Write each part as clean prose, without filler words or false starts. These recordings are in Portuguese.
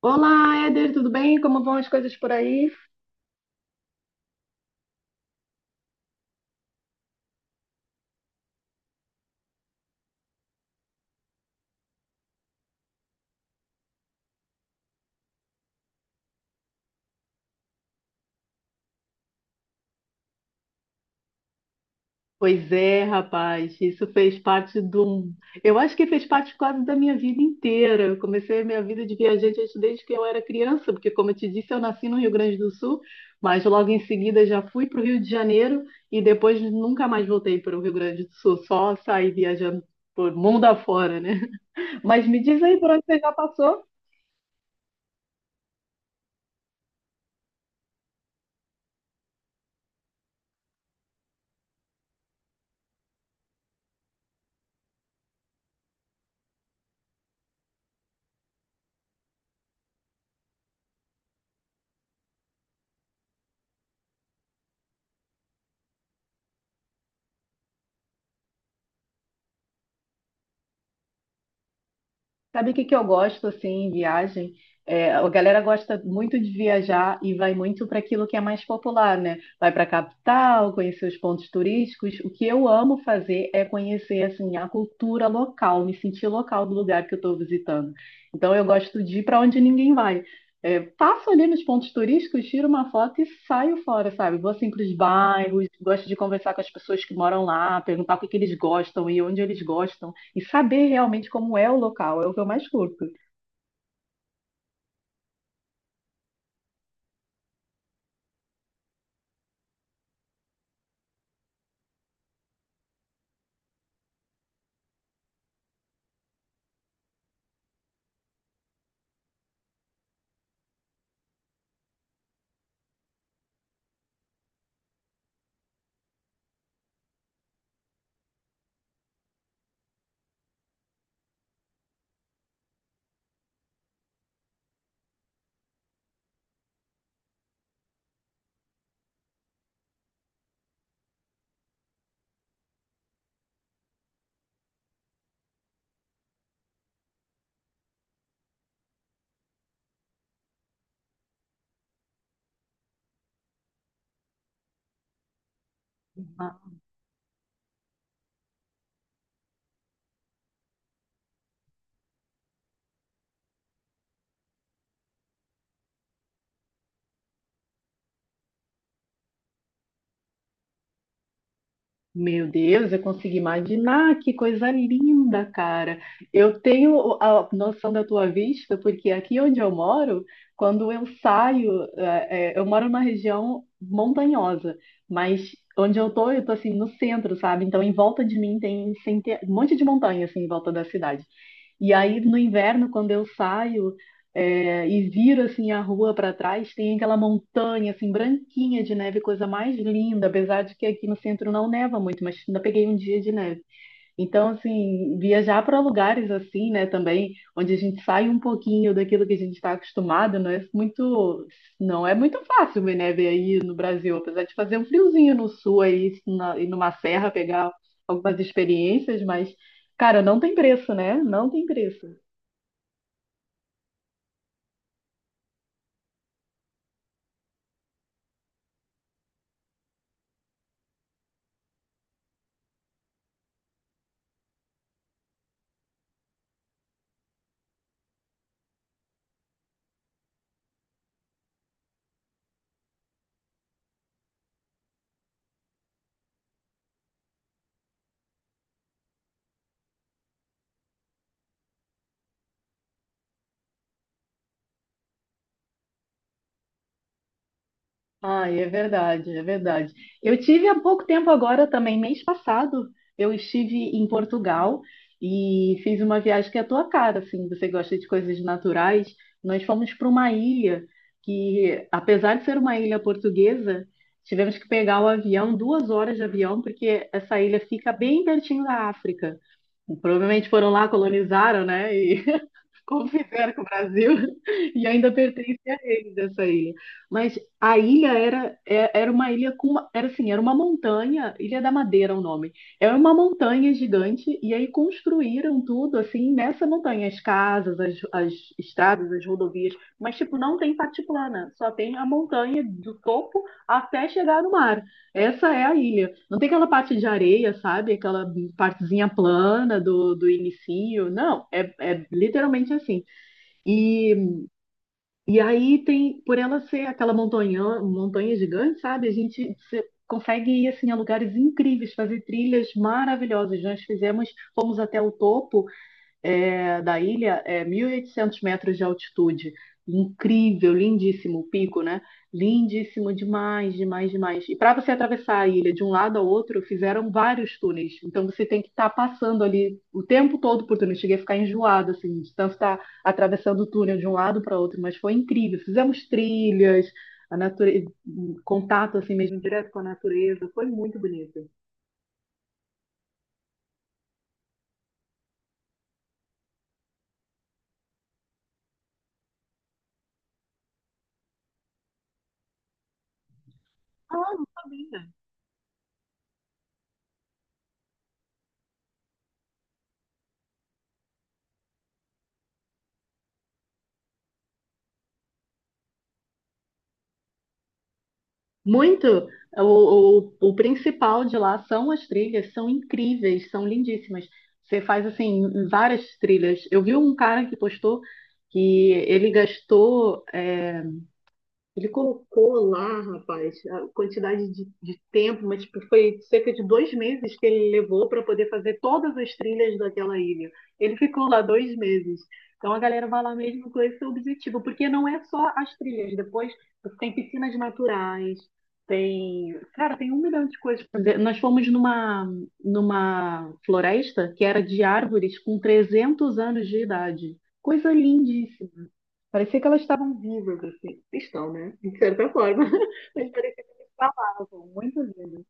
Olá, Éder, tudo bem? Como vão as coisas por aí? Pois é, rapaz, isso fez parte do. Eu acho que fez parte quase da minha vida inteira. Eu comecei a minha vida de viajante desde que eu era criança, porque, como eu te disse, eu nasci no Rio Grande do Sul, mas logo em seguida já fui para o Rio de Janeiro e depois nunca mais voltei para o Rio Grande do Sul, só saí viajando por mundo afora, né? Mas me diz aí por onde você já passou? Sabe o que que eu gosto assim em viagem? É, a galera gosta muito de viajar e vai muito para aquilo que é mais popular, né? Vai para a capital, conhecer os pontos turísticos. O que eu amo fazer é conhecer assim a cultura local, me sentir local do lugar que eu estou visitando. Então eu gosto de ir para onde ninguém vai. É, passo ali nos pontos turísticos, tiro uma foto e saio fora, sabe? Vou assim para os bairros, gosto de conversar com as pessoas que moram lá, perguntar o que que eles gostam e onde eles gostam e saber realmente como é o local, é o que eu mais curto. Ah, meu Deus, eu consigo imaginar que coisa linda, cara. Eu tenho a noção da tua vista, porque aqui onde eu moro, quando eu saio, eu moro numa região montanhosa, mas onde eu tô assim no centro, sabe? Então em volta de mim tem um monte de montanha assim em volta da cidade. E aí no inverno, quando eu saio e viro assim a rua para trás, tem aquela montanha assim branquinha de neve, coisa mais linda, apesar de que aqui no centro não neva muito, mas ainda peguei um dia de neve. Então, assim, viajar para lugares assim, né, também, onde a gente sai um pouquinho daquilo que a gente está acostumado, não é muito, não é muito fácil né, ver aí no Brasil, apesar de fazer um friozinho no sul aí, na, e numa serra pegar algumas experiências, mas, cara, não tem preço, né? Não tem preço. Ah, é verdade, é verdade. Eu tive há pouco tempo agora também, mês passado, eu estive em Portugal e fiz uma viagem que é a tua cara, assim, você gosta de coisas naturais. Nós fomos para uma ilha que, apesar de ser uma ilha portuguesa, tivemos que pegar o avião, 2 horas de avião, porque essa ilha fica bem pertinho da África. Provavelmente foram lá, colonizaram, né? Como fizeram com o Brasil, e ainda pertence a eles essa ilha. Mas a ilha era, era uma ilha com uma, era assim, era uma montanha, Ilha da Madeira é o nome. É uma montanha gigante, e aí construíram tudo assim nessa montanha, as casas, as estradas, as rodovias, mas tipo, não tem parte plana, só tem a montanha do topo até chegar no mar. Essa é a ilha. Não tem aquela parte de areia, sabe? Aquela partezinha plana do inicio. Não, é, é literalmente assim. E, e aí tem, por ela ser aquela montanha, montanha gigante, sabe? A gente consegue ir assim a lugares incríveis, fazer trilhas maravilhosas. Nós fizemos, fomos até o topo da ilha é 1.800 metros de altitude. Incrível, lindíssimo o pico, né? Lindíssimo demais, demais, demais. E para você atravessar a ilha de um lado ao outro, fizeram vários túneis. Então você tem que estar passando ali o tempo todo por túnel. Eu cheguei a ficar enjoada, assim, de tanto estar atravessando o túnel de um lado para outro, mas foi incrível. Fizemos trilhas, a natureza, contato assim mesmo direto com a natureza. Foi muito bonito. Ah, não sabia. Muito. O principal de lá são as trilhas, são incríveis, são lindíssimas. Você faz assim várias trilhas. Eu vi um cara que postou que ele gastou ele colocou lá, rapaz, a quantidade de tempo, mas tipo, foi cerca de 2 meses que ele levou para poder fazer todas as trilhas daquela ilha. Ele ficou lá 2 meses. Então a galera vai lá mesmo com esse objetivo, porque não é só as trilhas. Depois tem piscinas naturais, tem, cara, tem um milhão de coisas pra fazer. Nós fomos numa floresta que era de árvores com 300 anos de idade. Coisa lindíssima. Parecia que elas estavam vivas, assim. Estão, né? De certa forma. Mas parecia que elas falavam. Muito lindo.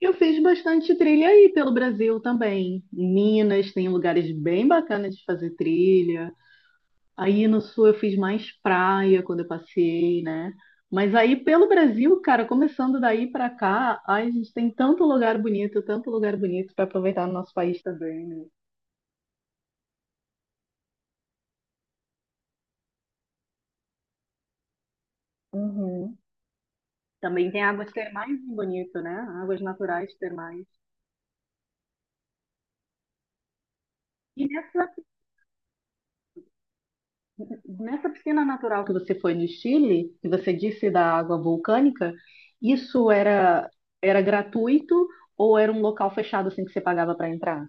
Eu fiz bastante trilha aí pelo Brasil também. Em Minas tem lugares bem bacanas de fazer trilha. Aí no sul eu fiz mais praia quando eu passei, né? Mas aí pelo Brasil, cara, começando daí pra cá, ai, a gente tem tanto lugar bonito para aproveitar no nosso país também, né? Uhum. Também tem águas termais bonito, né? Águas naturais termais. Nessa piscina natural que você foi no Chile, que você disse da água vulcânica, isso era gratuito ou era um local fechado assim que você pagava para entrar?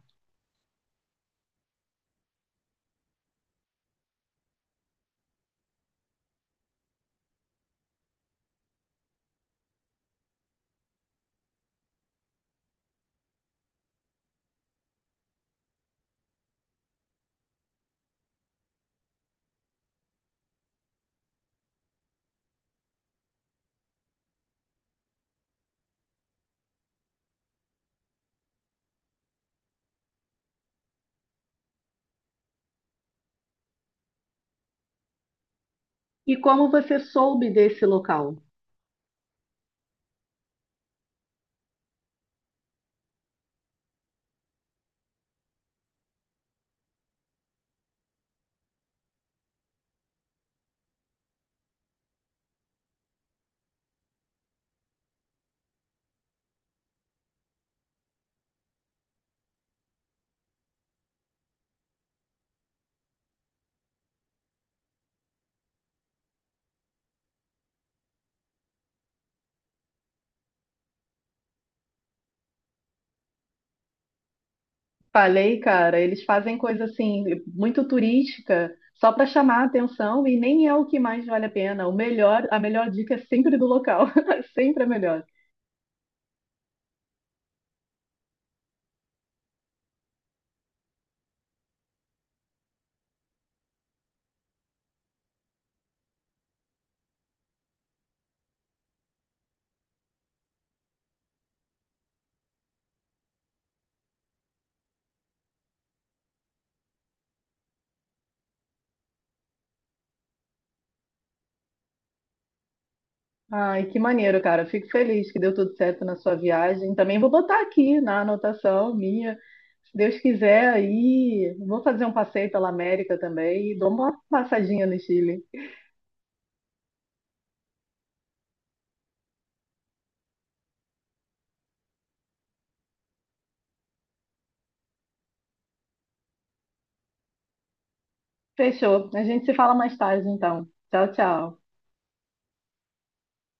E como você soube desse local? Falei, cara, eles fazem coisa assim muito turística só para chamar a atenção e nem é o que mais vale a pena. O melhor, a melhor dica é sempre do local, sempre a melhor. Ai, que maneiro, cara. Fico feliz que deu tudo certo na sua viagem. Também vou botar aqui na anotação minha. Se Deus quiser, aí vou fazer um passeio pela América também e dou uma passadinha no Chile. Fechou. A gente se fala mais tarde, então. Tchau, tchau.